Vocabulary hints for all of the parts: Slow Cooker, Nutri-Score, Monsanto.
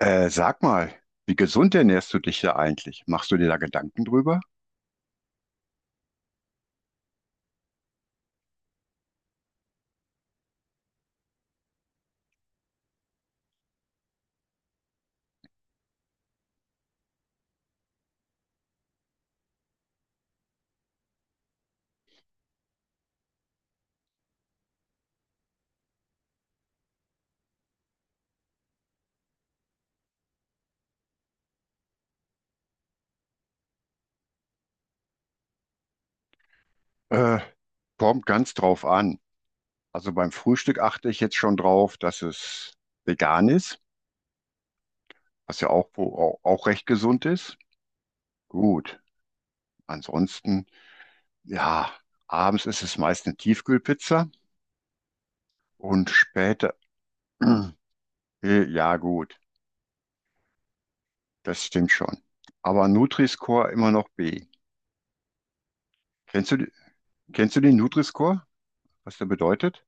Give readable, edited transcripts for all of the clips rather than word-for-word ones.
Sag mal, wie gesund ernährst du dich da eigentlich? Machst du dir da Gedanken drüber? Äh, kommt ganz drauf an. Also beim Frühstück achte ich jetzt schon drauf, dass es vegan ist, was ja auch, auch recht gesund ist. Gut. Ansonsten, ja, abends ist es meist eine Tiefkühlpizza und später, äh, ja gut, das stimmt schon. Aber Nutri-Score immer noch B. Kennst du, Kennst du den Nutri-Score? Was der bedeutet?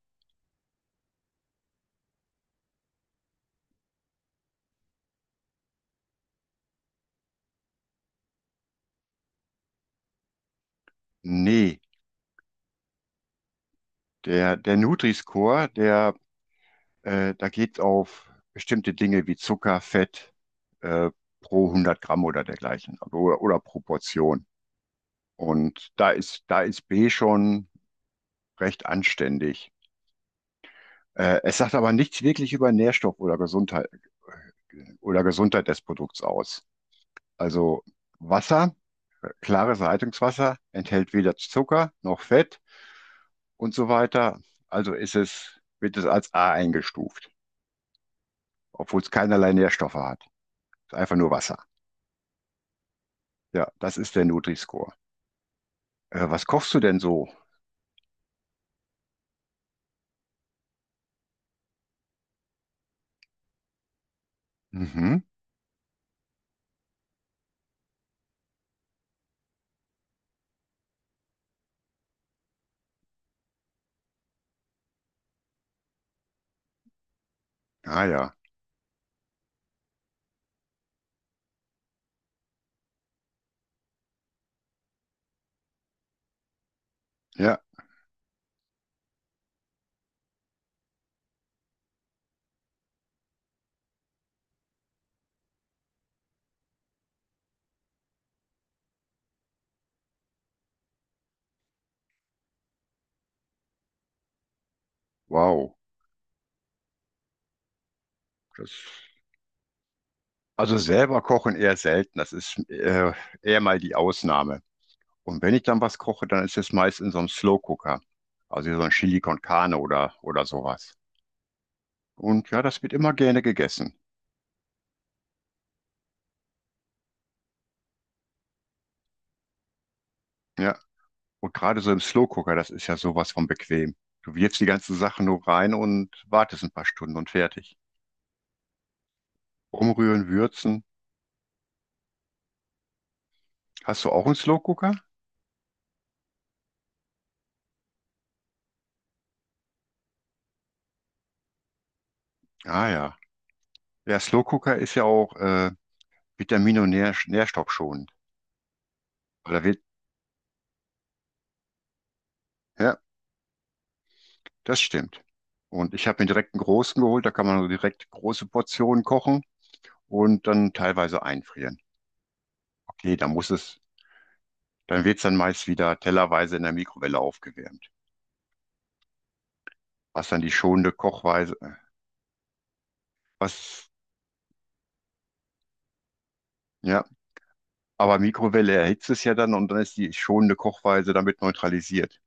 Nee, der Nutri-Score, da geht auf bestimmte Dinge wie Zucker, Fett, äh, pro hundert Gramm oder dergleichen also, oder Proportion. Und da ist B schon recht anständig. Es sagt aber nichts wirklich über Nährstoff oder Gesundheit des Produkts aus. Also Wasser, klares Leitungswasser enthält weder Zucker noch Fett und so weiter. Wird es als A eingestuft, obwohl es keinerlei Nährstoffe hat. Ist einfach nur Wasser. Ja, das ist der Nutri-Score. Was kochst du denn so? Mhm. Ah ja. Ja, wow. Das, also selber kochen eher selten. Das ist eher mal die Ausnahme. Und wenn ich dann was koche, dann ist es meist in so einem Slow Cooker. Also so ein Chili con Carne oder sowas. Und ja, das wird immer gerne gegessen. Ja. Und gerade so im Slow-Cooker, das ist ja sowas von bequem. Du wirfst die ganzen Sachen nur rein und wartest ein paar Stunden und fertig. Umrühren, würzen. Hast du auch einen Slow-Cooker? Ah ja. Ja, Slow-Cooker ist ja auch vitamin- und nährstoffschonend. Weil da wird, ja, das stimmt. Und ich habe mir direkt einen großen geholt, da kann man so direkt große Portionen kochen und dann teilweise einfrieren. Okay, dann wird es dann meist wieder tellerweise in der Mikrowelle aufgewärmt. Was dann die schonende Kochweise, was, ja, Aber Mikrowelle erhitzt es ja dann und dann ist die schonende Kochweise damit neutralisiert.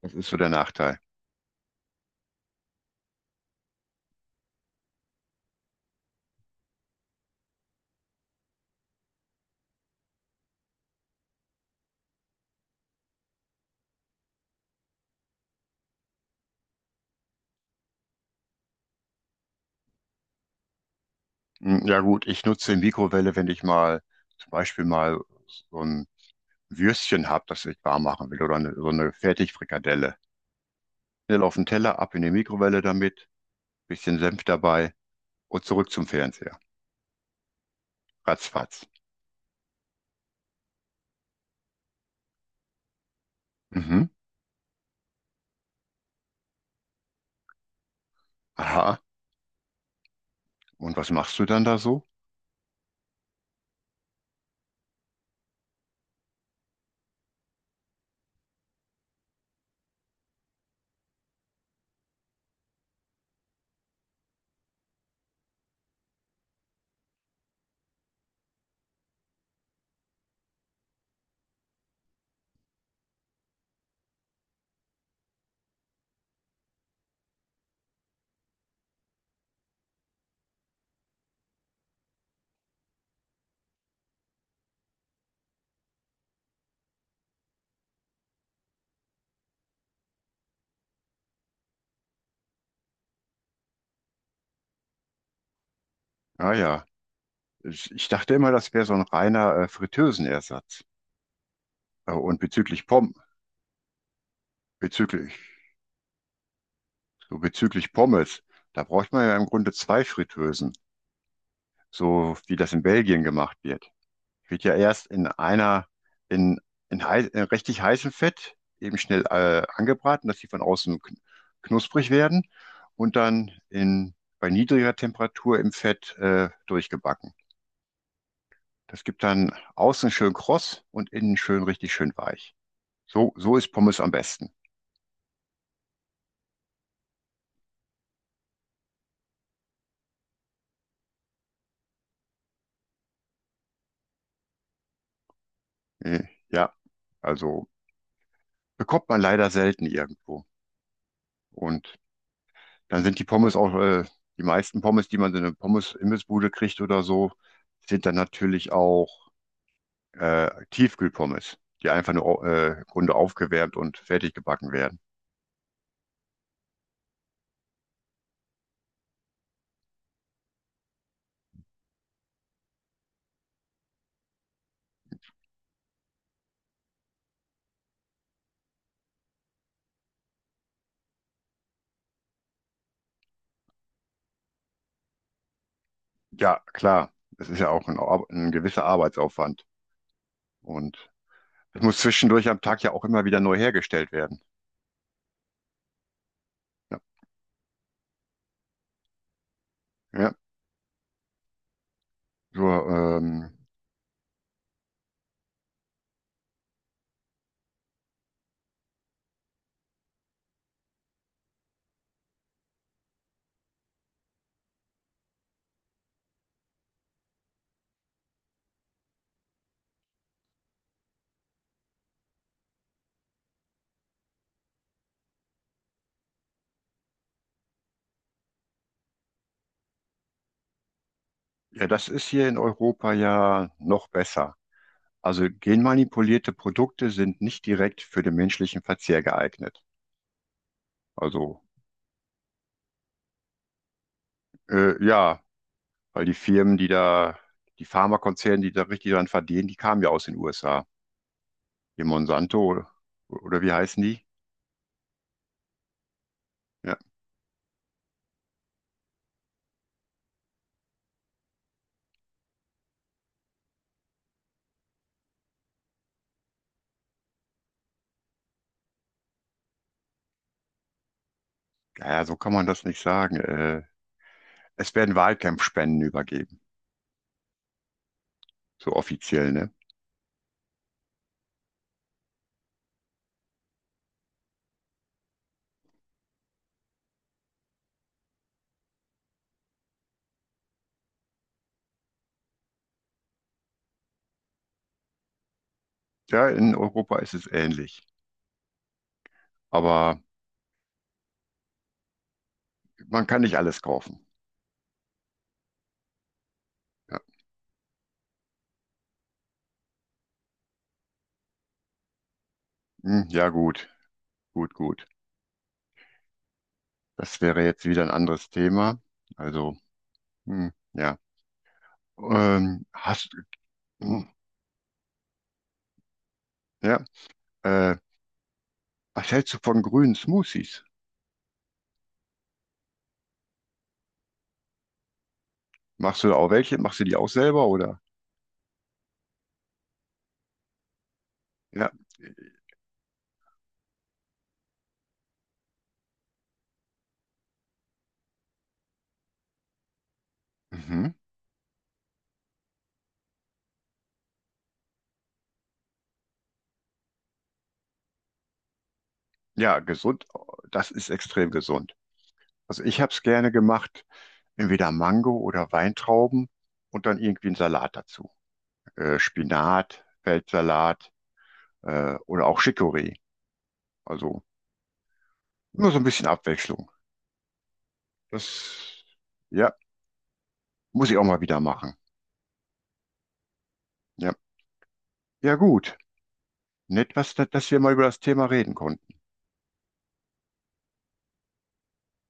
Das ist so der Nachteil. Hm, ja gut, ich nutze die Mikrowelle, wenn ich mal zum Beispiel mal so ein Würstchen habe, das ich warm machen will so eine Fertigfrikadelle. Schnell auf den Teller, ab in die Mikrowelle damit, bisschen Senf dabei und zurück zum Fernseher. Ratzfatz. Mhm. Aha. Und was machst du dann da so? Ah ja, ich dachte immer, das wäre so ein reiner Fritteusenersatz. Äh, und bezüglich Pommes, bezüglich, bezüglich Pommes, da braucht man ja im Grunde zwei Fritteusen, so wie das in Belgien gemacht wird. Wird ja erst in, in, heiß, in richtig heißem Fett eben schnell angebraten, dass die von außen knusprig werden und dann in, bei niedriger Temperatur im Fett durchgebacken. Das gibt dann außen schön kross und innen schön richtig schön weich. So ist Pommes am besten. Äh, ja, also bekommt man leider selten irgendwo. Und dann sind die Pommes auch, die meisten Pommes, die man in eine Pommes-Imbissbude kriegt oder so, sind dann natürlich auch Tiefkühlpommes, die einfach nur im Grunde aufgewärmt und fertig gebacken werden. Ja, klar, das ist ja auch ein gewisser Arbeitsaufwand. Und es muss zwischendurch am Tag ja auch immer wieder neu hergestellt werden. Ja, ja. So, ja, das ist hier in Europa ja noch besser. Also genmanipulierte Produkte sind nicht direkt für den menschlichen Verzehr geeignet. Also ja, weil die Firmen, die Pharmakonzerne, die da richtig dran verdienen, die kamen ja aus den USA. Hier Monsanto oder wie heißen die? Ja, naja, so kann man das nicht sagen. Es werden Wahlkampfspenden übergeben, so offiziell, ne? Ja, in Europa ist es ähnlich. Aber man kann nicht alles kaufen. Ja, hm, ja gut, gut, gut. Das wäre jetzt wieder ein anderes Thema. Also, hm, ja. Ähm, hast, hm, ja, äh, was hältst du von grünen Smoothies? Machst du da auch welche? Machst du die auch selber oder? Ja, mhm. Ja, gesund. Das ist extrem gesund. Also ich habe es gerne gemacht, entweder Mango oder Weintrauben und dann irgendwie einen Salat dazu. Spinat, Feldsalat oder auch Chicorée. Also nur so ein bisschen Abwechslung. Das, ja, muss ich auch mal wieder machen. Ja, ja gut. Dass wir mal über das Thema reden konnten.